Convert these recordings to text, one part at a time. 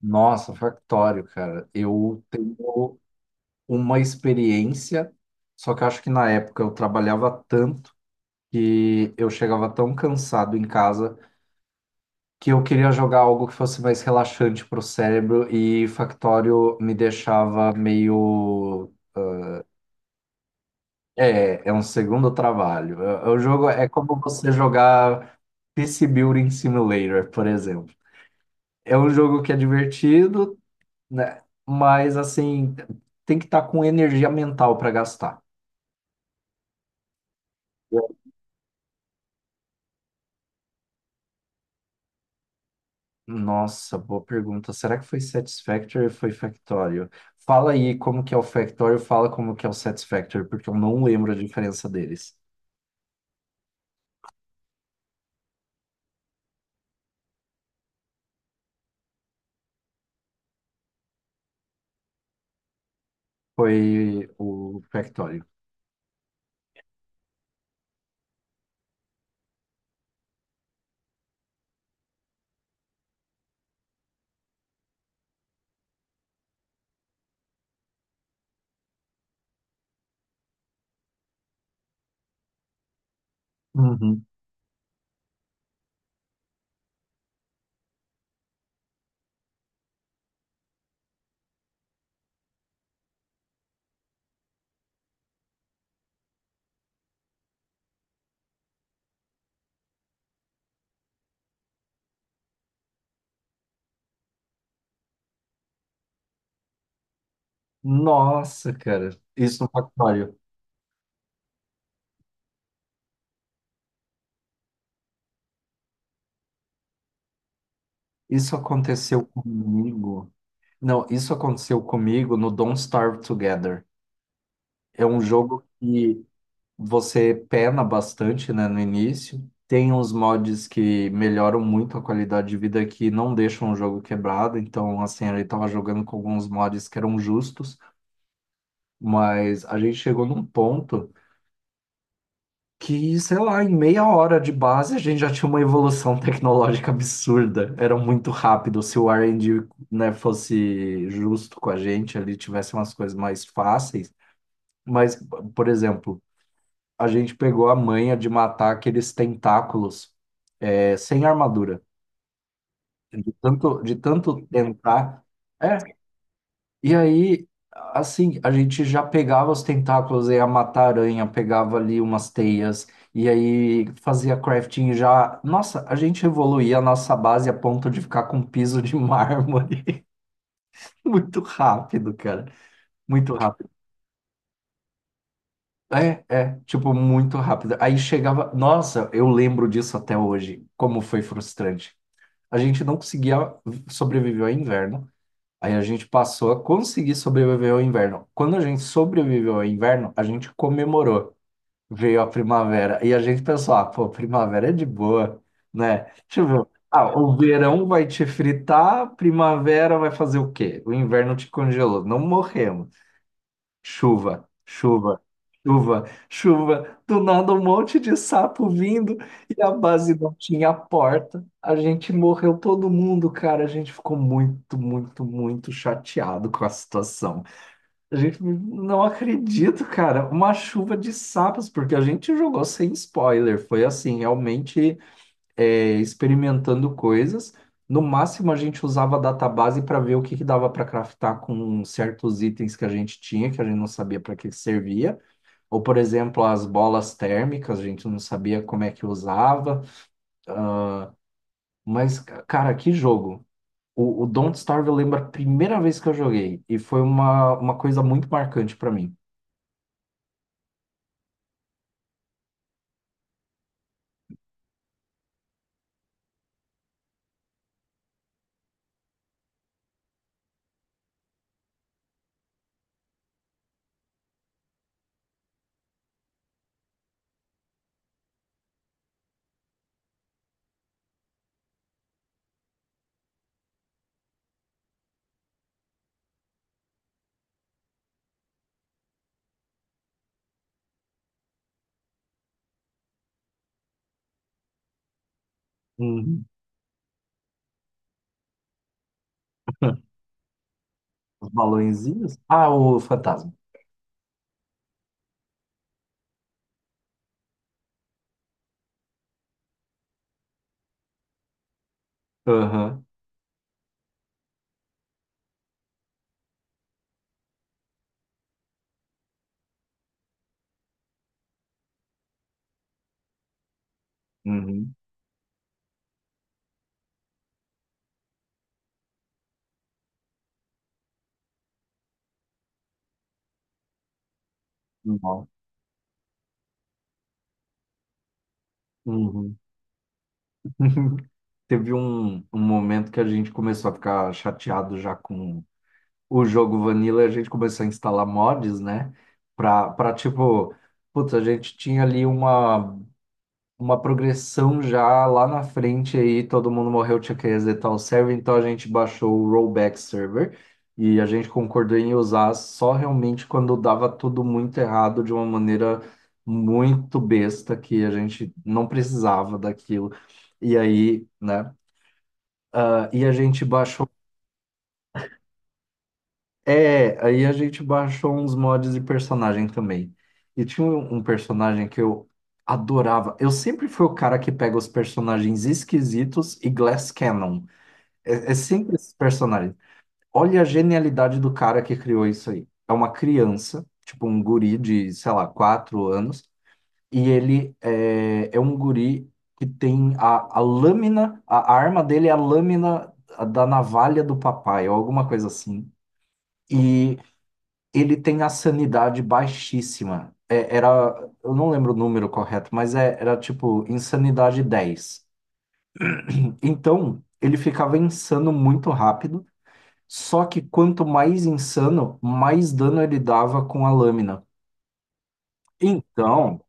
Nossa, Factório, cara. Eu tenho uma experiência, só que eu acho que na época eu trabalhava tanto que eu chegava tão cansado em casa que eu queria jogar algo que fosse mais relaxante pro cérebro e Factório me deixava meio. É um segundo trabalho. O jogo é como você jogar PC Building Simulator, por exemplo. É um jogo que é divertido, né? Mas assim, tem que estar com energia mental para gastar. Nossa, boa pergunta. Será que foi Satisfactory ou foi Factorio? Fala aí como que é o Factorio, fala como que é o Satisfactory, porque eu não lembro a diferença deles. Foi o Factorio. Uhum. Nossa, cara, isso no Factorio. Isso aconteceu comigo. Não, isso aconteceu comigo no Don't Starve Together. É um jogo que você pena bastante, né, no início. Tem uns mods que melhoram muito a qualidade de vida que não deixam o jogo quebrado. Então, assim, ele tava jogando com alguns mods que eram justos, mas a gente chegou num ponto que, sei lá, em meia hora de base a gente já tinha uma evolução tecnológica absurda. Era muito rápido. Se o R&D, né, fosse justo com a gente, ele tivesse umas coisas mais fáceis. Mas, por exemplo, a gente pegou a manha de matar aqueles tentáculos sem armadura, de tanto tentar. É, e aí, assim, a gente já pegava os tentáculos, ia matar aranha, pegava ali umas teias, e aí fazia crafting já. Nossa, a gente evoluía a nossa base a ponto de ficar com um piso de mármore. Muito rápido, cara. Muito rápido. Tipo, muito rápido. Aí chegava. Nossa, eu lembro disso até hoje, como foi frustrante. A gente não conseguia sobreviver ao inverno. Aí a gente passou a conseguir sobreviver ao inverno. Quando a gente sobreviveu ao inverno, a gente comemorou. Veio a primavera. E a gente pensou, ah, pô, primavera é de boa, né? Deixa eu ver. Ah, o verão vai te fritar, primavera vai fazer o quê? O inverno te congelou. Não morremos. Chuva, chuva, chuva, chuva. Do nada um monte de sapo vindo e a base não tinha porta. A gente morreu todo mundo, cara. A gente ficou muito, muito, muito chateado com a situação. A gente não acredito, cara. Uma chuva de sapos, porque a gente jogou sem spoiler. Foi assim, realmente experimentando coisas. No máximo, a gente usava a database para ver o que que dava para craftar com certos itens que a gente tinha, que a gente não sabia para que servia. Ou, por exemplo, as bolas térmicas, a gente não sabia como é que usava. Mas, cara, que jogo! O Don't Starve eu lembro a primeira vez que eu joguei, e foi uma coisa muito marcante para mim. Uhum. Os balõezinhos? Ah, o fantasma. Aham. Uhum. Uhum. Uhum. Teve um momento que a gente começou a ficar chateado já com o jogo Vanilla, e a gente começou a instalar mods, né? Pra tipo, putz, a gente tinha ali uma progressão já lá na frente aí, todo mundo morreu, tinha que resetar o server, então a gente baixou o rollback server e a gente concordou em usar só realmente quando dava tudo muito errado de uma maneira muito besta que a gente não precisava daquilo. E aí, né? Ah, e a gente baixou. É, aí a gente baixou uns mods de personagem também. E tinha um personagem que eu adorava. Eu sempre fui o cara que pega os personagens esquisitos e Glass Cannon. É sempre esses personagens. Olha a genialidade do cara que criou isso aí. É uma criança, tipo um guri de, sei lá, 4 anos. E ele é um guri que tem a lâmina, a arma dele é a lâmina da navalha do papai, ou alguma coisa assim. E ele tem a sanidade baixíssima. É, era, eu não lembro o número correto, mas era tipo insanidade 10. Então, ele ficava insano muito rápido, só que quanto mais insano, mais dano ele dava com a lâmina. Então,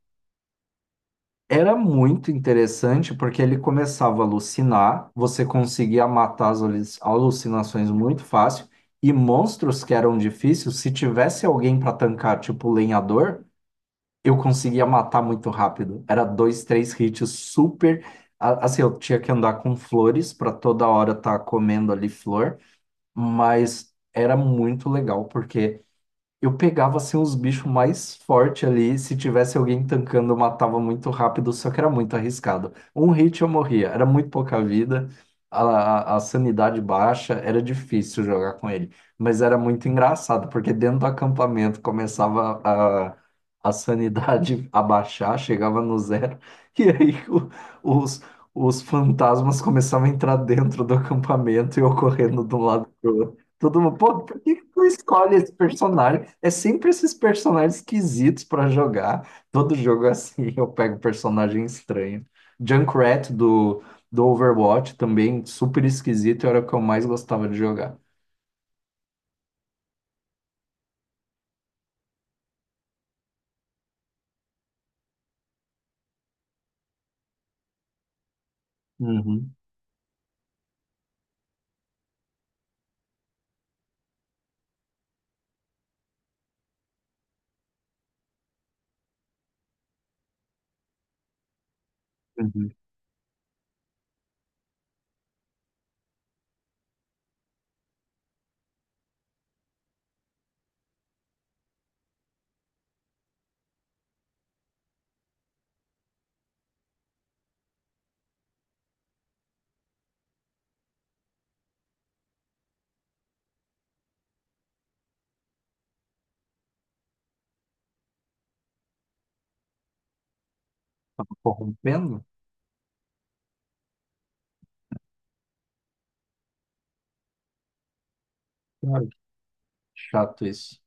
era muito interessante porque ele começava a alucinar, você conseguia matar alucinações muito fácil, e monstros que eram difíceis, se tivesse alguém para tancar, tipo o lenhador. Eu conseguia matar muito rápido. Era dois, três hits super. Assim, eu tinha que andar com flores para toda hora estar comendo ali flor, mas era muito legal, porque eu pegava assim os bichos mais fortes ali. Se tivesse alguém tancando, eu matava muito rápido, só que era muito arriscado. Um hit eu morria, era muito pouca vida, a, a sanidade baixa, era difícil jogar com ele. Mas era muito engraçado, porque dentro do acampamento começava a sanidade a baixar, chegava no zero, e aí os, os fantasmas começavam a entrar dentro do acampamento e eu correndo de um lado. Todo mundo, pô, por que que tu escolhe esse personagem? É sempre esses personagens esquisitos pra jogar. Todo jogo é assim, eu pego personagem estranho. Junkrat do Overwatch também, super esquisito, era o que eu mais gostava de jogar. Uhum, uhum. Corrompendo? Cara, que chato isso.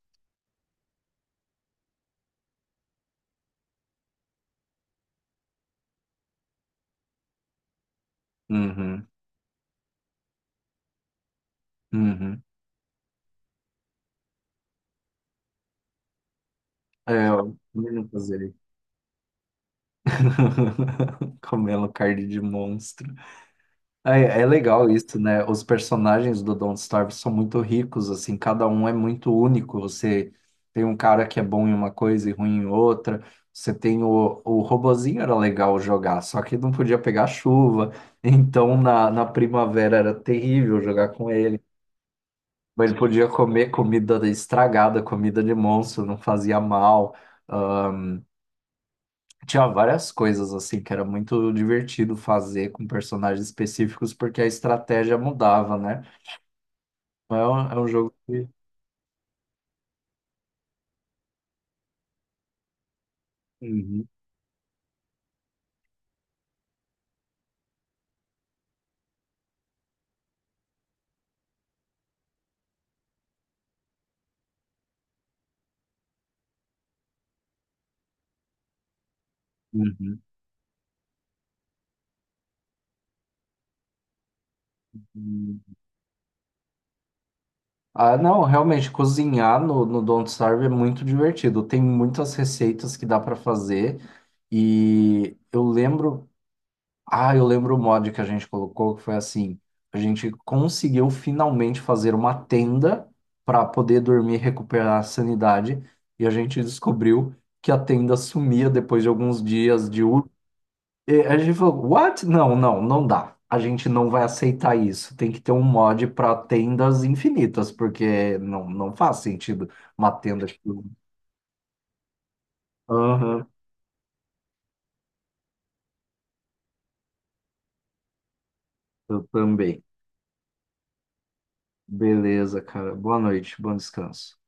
Uhum, uhum. É, eu também não fazer. Comendo carne de monstro. É legal isso, né? Os personagens do Don't Starve são muito ricos, assim, cada um é muito único. Você tem um cara que é bom em uma coisa e ruim em outra. Você tem o robozinho era legal jogar, só que não podia pegar chuva. Então na primavera era terrível jogar com ele. Mas ele podia comer comida estragada, comida de monstro, não fazia mal. Ah, tinha várias coisas assim que era muito divertido fazer com personagens específicos porque a estratégia mudava, né? É um jogo que. Uhum, uhum, uhum. Ah, não, realmente, cozinhar no Don't Starve é muito divertido. Tem muitas receitas que dá para fazer. E eu lembro. Ah, eu lembro o mod que a gente colocou, que foi assim: a gente conseguiu finalmente fazer uma tenda para poder dormir e recuperar a sanidade. E a gente descobriu que a tenda sumia depois de alguns dias de. E a gente falou, what? Não, não, não dá. A gente não vai aceitar isso. Tem que ter um mod para tendas infinitas, porque não, não faz sentido uma tenda que. Aham, eu também. Beleza, cara. Boa noite, bom descanso.